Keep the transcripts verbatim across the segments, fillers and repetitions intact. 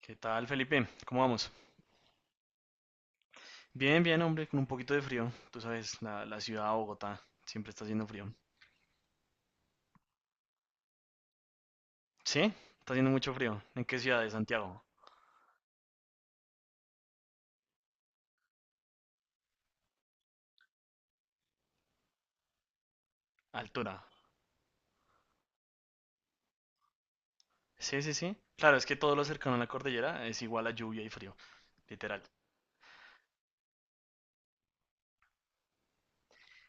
¿Qué tal, Felipe? ¿Cómo vamos? Bien, bien, hombre, con un poquito de frío. Tú sabes, la, la ciudad de Bogotá siempre está haciendo frío. ¿Sí? Está haciendo mucho frío. ¿En qué ciudad de Santiago? Altura. Sí, sí, sí. Claro, es que todo lo cercano a la cordillera es igual a lluvia y frío, literal.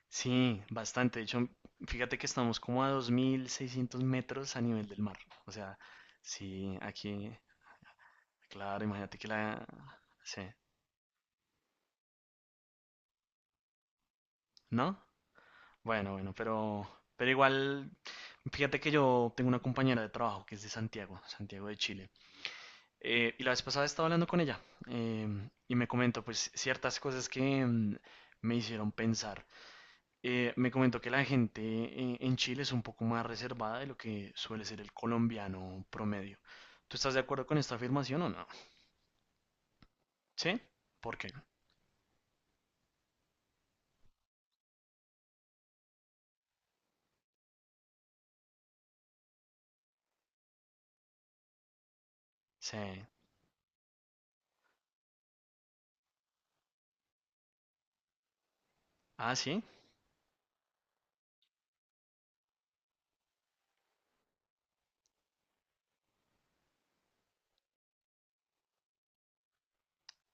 Sí, bastante. De hecho, fíjate que estamos como a dos mil seiscientos metros a nivel del mar. O sea, sí, aquí, claro, imagínate que la. Sí, ¿no? Bueno, bueno, pero, pero igual, fíjate que yo tengo una compañera de trabajo que es de Santiago, Santiago de Chile. Eh, y la vez pasada estaba hablando con ella em, y me comentó pues ciertas cosas que em, me hicieron pensar. Eh, me comentó que la gente eh, en Chile es un poco más reservada de lo que suele ser el colombiano promedio. ¿Tú estás de acuerdo con esta afirmación o no? ¿Sí? ¿Por qué? Sí. Ah, sí.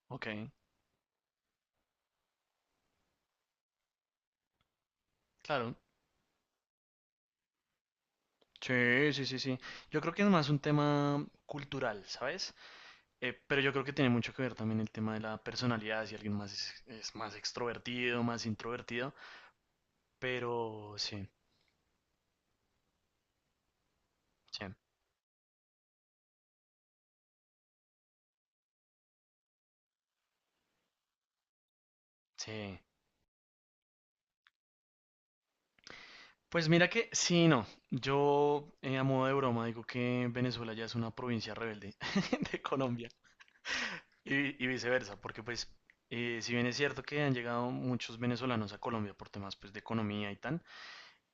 Ok. Claro. Sí, sí, sí, sí. Yo creo que es más un tema cultural, ¿sabes? Eh, pero yo creo que tiene mucho que ver también el tema de la personalidad, si alguien más es, es más extrovertido, más introvertido, pero sí, sí, sí. Pues mira que sí, no, yo eh, a modo de broma digo que Venezuela ya es una provincia rebelde de Colombia y, y viceversa, porque pues eh, si bien es cierto que han llegado muchos venezolanos a Colombia por temas pues de economía y tal,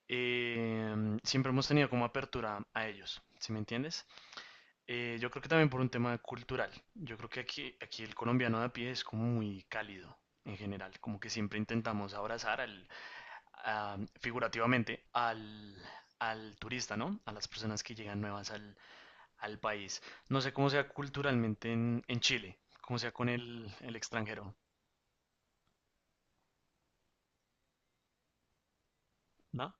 eh, siempre hemos tenido como apertura a ellos, ¿sí me entiendes? Eh, yo creo que también por un tema cultural. Yo creo que aquí, aquí el colombiano de a pie es como muy cálido en general, como que siempre intentamos abrazar al, a- figurativamente al, al turista, ¿no? A las personas que llegan nuevas al, al país. No sé cómo sea culturalmente en, en Chile, cómo sea con el, el extranjero, ¿no?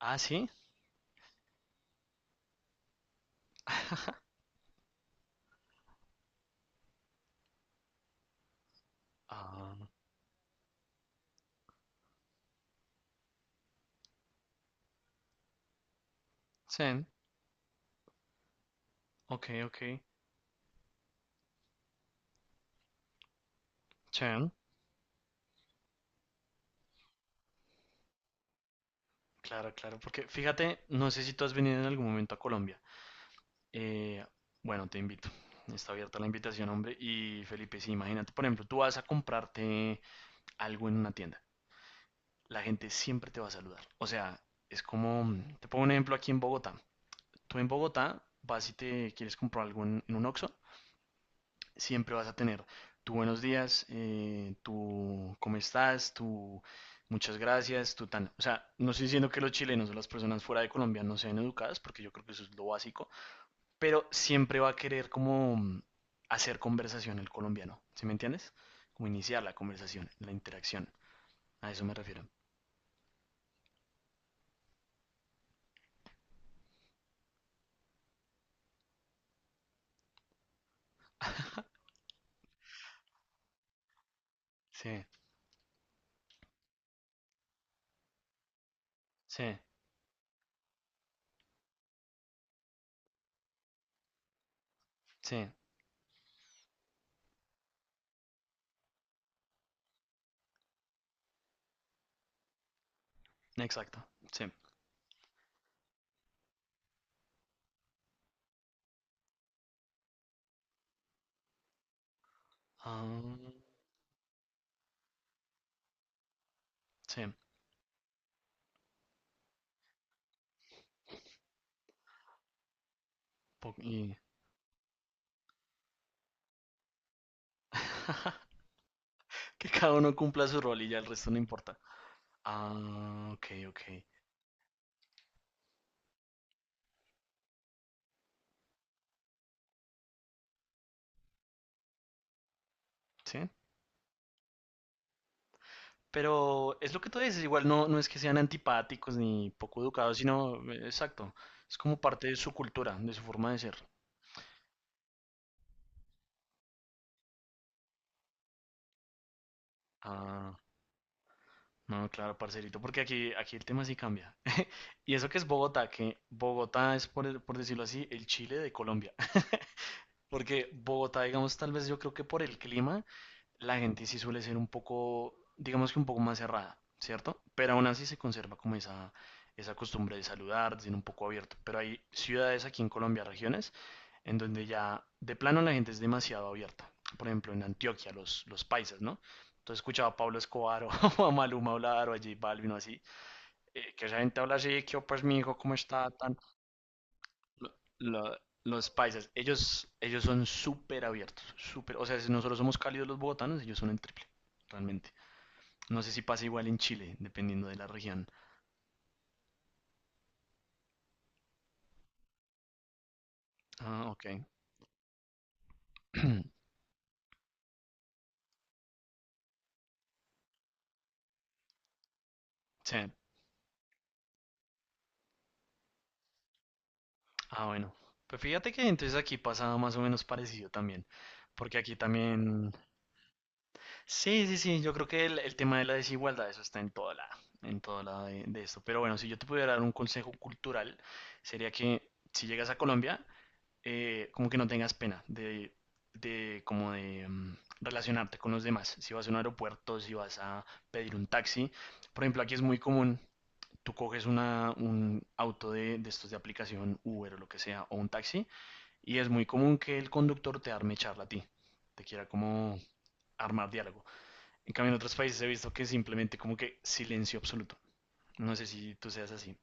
Ah, sí. Ah, chen. Ok, ok. Chen. Claro, claro, porque fíjate, no sé si tú has venido en algún momento a Colombia. Eh, bueno, te invito. Está abierta la invitación, hombre. Y Felipe, sí, imagínate, por ejemplo, tú vas a comprarte algo en una tienda. La gente siempre te va a saludar. O sea, es como, mm, te pongo un ejemplo aquí en Bogotá. Tú en Bogotá vas y te quieres comprar algo en, en un Oxxo, siempre vas a tener tu buenos días, eh, tu cómo estás, tu muchas gracias, tu tan. O sea, no estoy diciendo que los chilenos o las personas fuera de Colombia no sean educadas, porque yo creo que eso es lo básico, pero siempre va a querer como hacer conversación el colombiano, ¿sí me entiendes? Como iniciar la conversación, la interacción, a eso me refiero. Sí, sí, sí, exacto, sí. Ah, sí, po- y que cada uno cumpla su rol y ya el resto no importa. Ah, ok, ok, sí. Pero es lo que tú dices, igual no, no es que sean antipáticos ni poco educados, sino, eh, exacto, es como parte de su cultura, de su forma de ser. Ah, no, claro, parcerito, porque aquí, aquí el tema sí cambia. Y eso que es Bogotá, que Bogotá es, por, el- por decirlo así, el Chile de Colombia. Porque Bogotá, digamos, tal vez yo creo que por el clima, la gente sí suele ser un poco, digamos que un poco más cerrada, ¿cierto? Pero aún así se conserva como esa, esa costumbre de saludar, de ser un poco abierto. Pero hay ciudades aquí en Colombia, regiones, en donde ya de plano la gente es demasiado abierta. Por ejemplo, en Antioquia, los, los paisas, ¿no? Entonces escuchaba a Pablo Escobar o o a Maluma hablar o a J Balvin o así. Eh, que esa gente habla así, que oh, pues mi hijo, ¿cómo está? Tan. Lo- lo- los paisas, ellos, ellos son súper abiertos, súper, o sea, si nosotros somos cálidos los bogotanos, ellos son el triple, realmente. No sé si pasa igual en Chile, dependiendo de la región. Ah, ok. Sí. Ah, bueno. Pues fíjate que entonces aquí pasa más o menos parecido también, porque aquí también. Sí, sí, sí, yo creo que el, el tema de la desigualdad, eso está en todo lado, en todo lado de, de esto. Pero bueno, si yo te pudiera dar un consejo cultural, sería que si llegas a Colombia, eh, como que no tengas pena de, de como de mm, relacionarte con los demás. Si vas a un aeropuerto, si vas a pedir un taxi, por ejemplo, aquí es muy común, tú coges una, un auto de, de estos de aplicación Uber o lo que sea, o un taxi, y es muy común que el conductor te arme charla a ti, te quiera como armar diálogo. En cambio, en otros países he visto que simplemente como que silencio absoluto. No sé si tú seas así.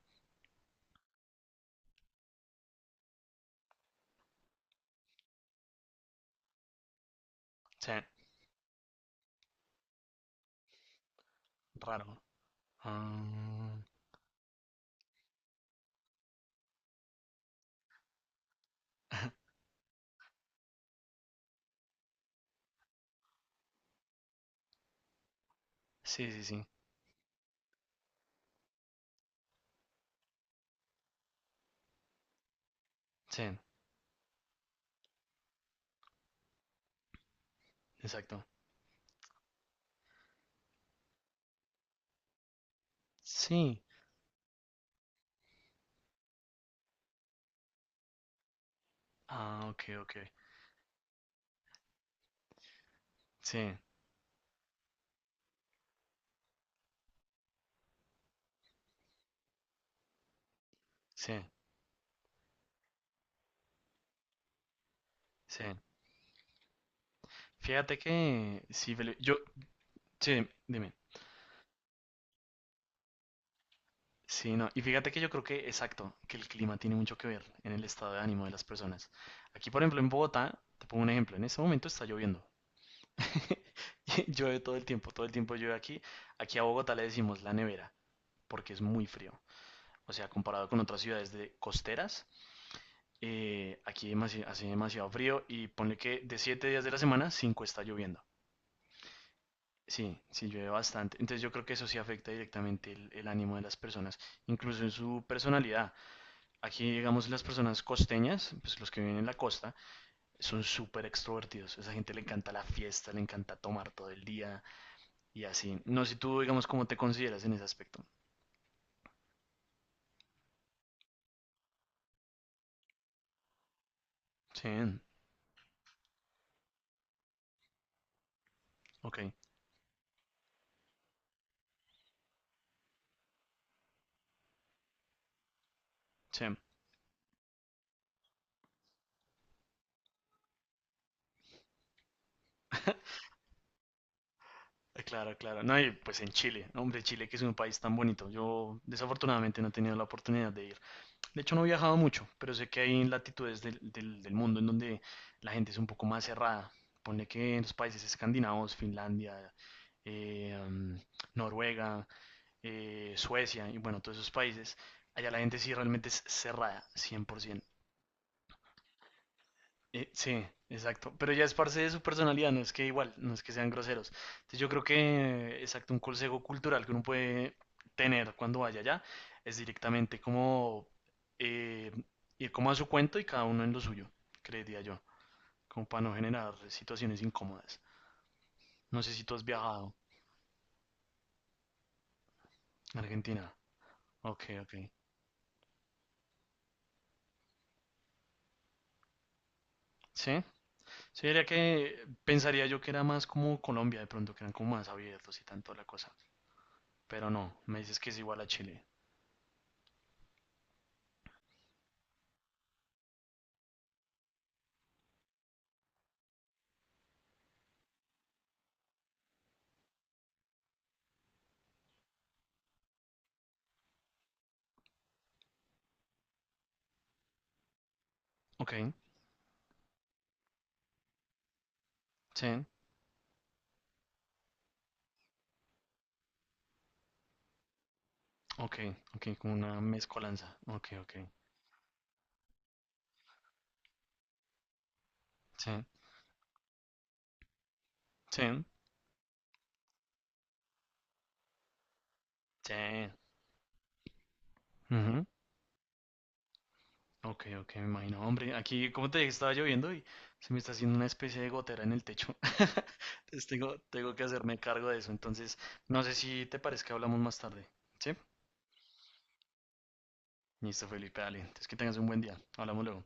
Sí, raro. Ah, sí, sí, sí. Sí, exacto. Sí. Ah, ok, ok. Sí, sí, sí. Fíjate que, sí, Felipe, yo, sí, dime. Sí, no, y fíjate que yo creo que, exacto, que el clima tiene mucho que ver en el estado de ánimo de las personas. Aquí, por ejemplo, en Bogotá, te pongo un ejemplo, en este momento está lloviendo. Llueve todo el tiempo, todo el tiempo llueve aquí. Aquí a Bogotá le decimos la nevera. porque es muy frío. O sea, comparado con otras ciudades de costeras, eh, aquí demasi- hace demasiado frío y ponle que de siete días de la semana, cinco está lloviendo. Sí, sí llueve bastante. Entonces yo creo que eso sí afecta directamente el, el ánimo de las personas, incluso en su personalidad. Aquí, digamos, las personas costeñas, pues los que viven en la costa, son súper extrovertidos. A esa gente le encanta la fiesta, le encanta tomar todo el día y así. No sé tú, digamos, cómo te consideras en ese aspecto. Sí, ok, sí. Eh, Claro, claro. No, y pues en Chile. No, Hombre, Chile que es un país tan bonito. Yo desafortunadamente no he tenido la oportunidad de ir. De hecho, no he viajado mucho, pero sé que hay latitudes del, del- del mundo en donde la gente es un poco más cerrada. Ponle que en los países escandinavos, Finlandia, eh, mm, Noruega, eh, Suecia y bueno, todos esos países, allá la gente sí realmente es cerrada, cien por ciento. Eh, sí, exacto. Pero ya es parte de su personalidad, no es que igual, no es que sean groseros. Entonces yo creo que, exacto, un consejo cultural que uno puede tener cuando vaya allá es directamente como eh, ir como a su cuento y cada uno en lo suyo, creería yo, como para no generar situaciones incómodas. No sé si tú has viajado a Argentina. Ok, ok. Sí, sí, diría que pensaría yo que era más como Colombia de pronto, que eran como más abiertos y tanto la cosa. Pero no, me dices que es igual a Chile. Ok. Sí. Ok, ok, como una mezcolanza. Ok, ok. Sí, sí, sí. Ujú, ok, ok, me imagino. Hombre, aquí, como te dije, estaba lloviendo y se me está haciendo una especie de gotera en el techo. Entonces tengo, tengo que hacerme cargo de eso. Entonces, no sé si te parece que hablamos más tarde. ¿Sí? Listo, Felipe, dale. Entonces que tengas un buen día. Hablamos luego.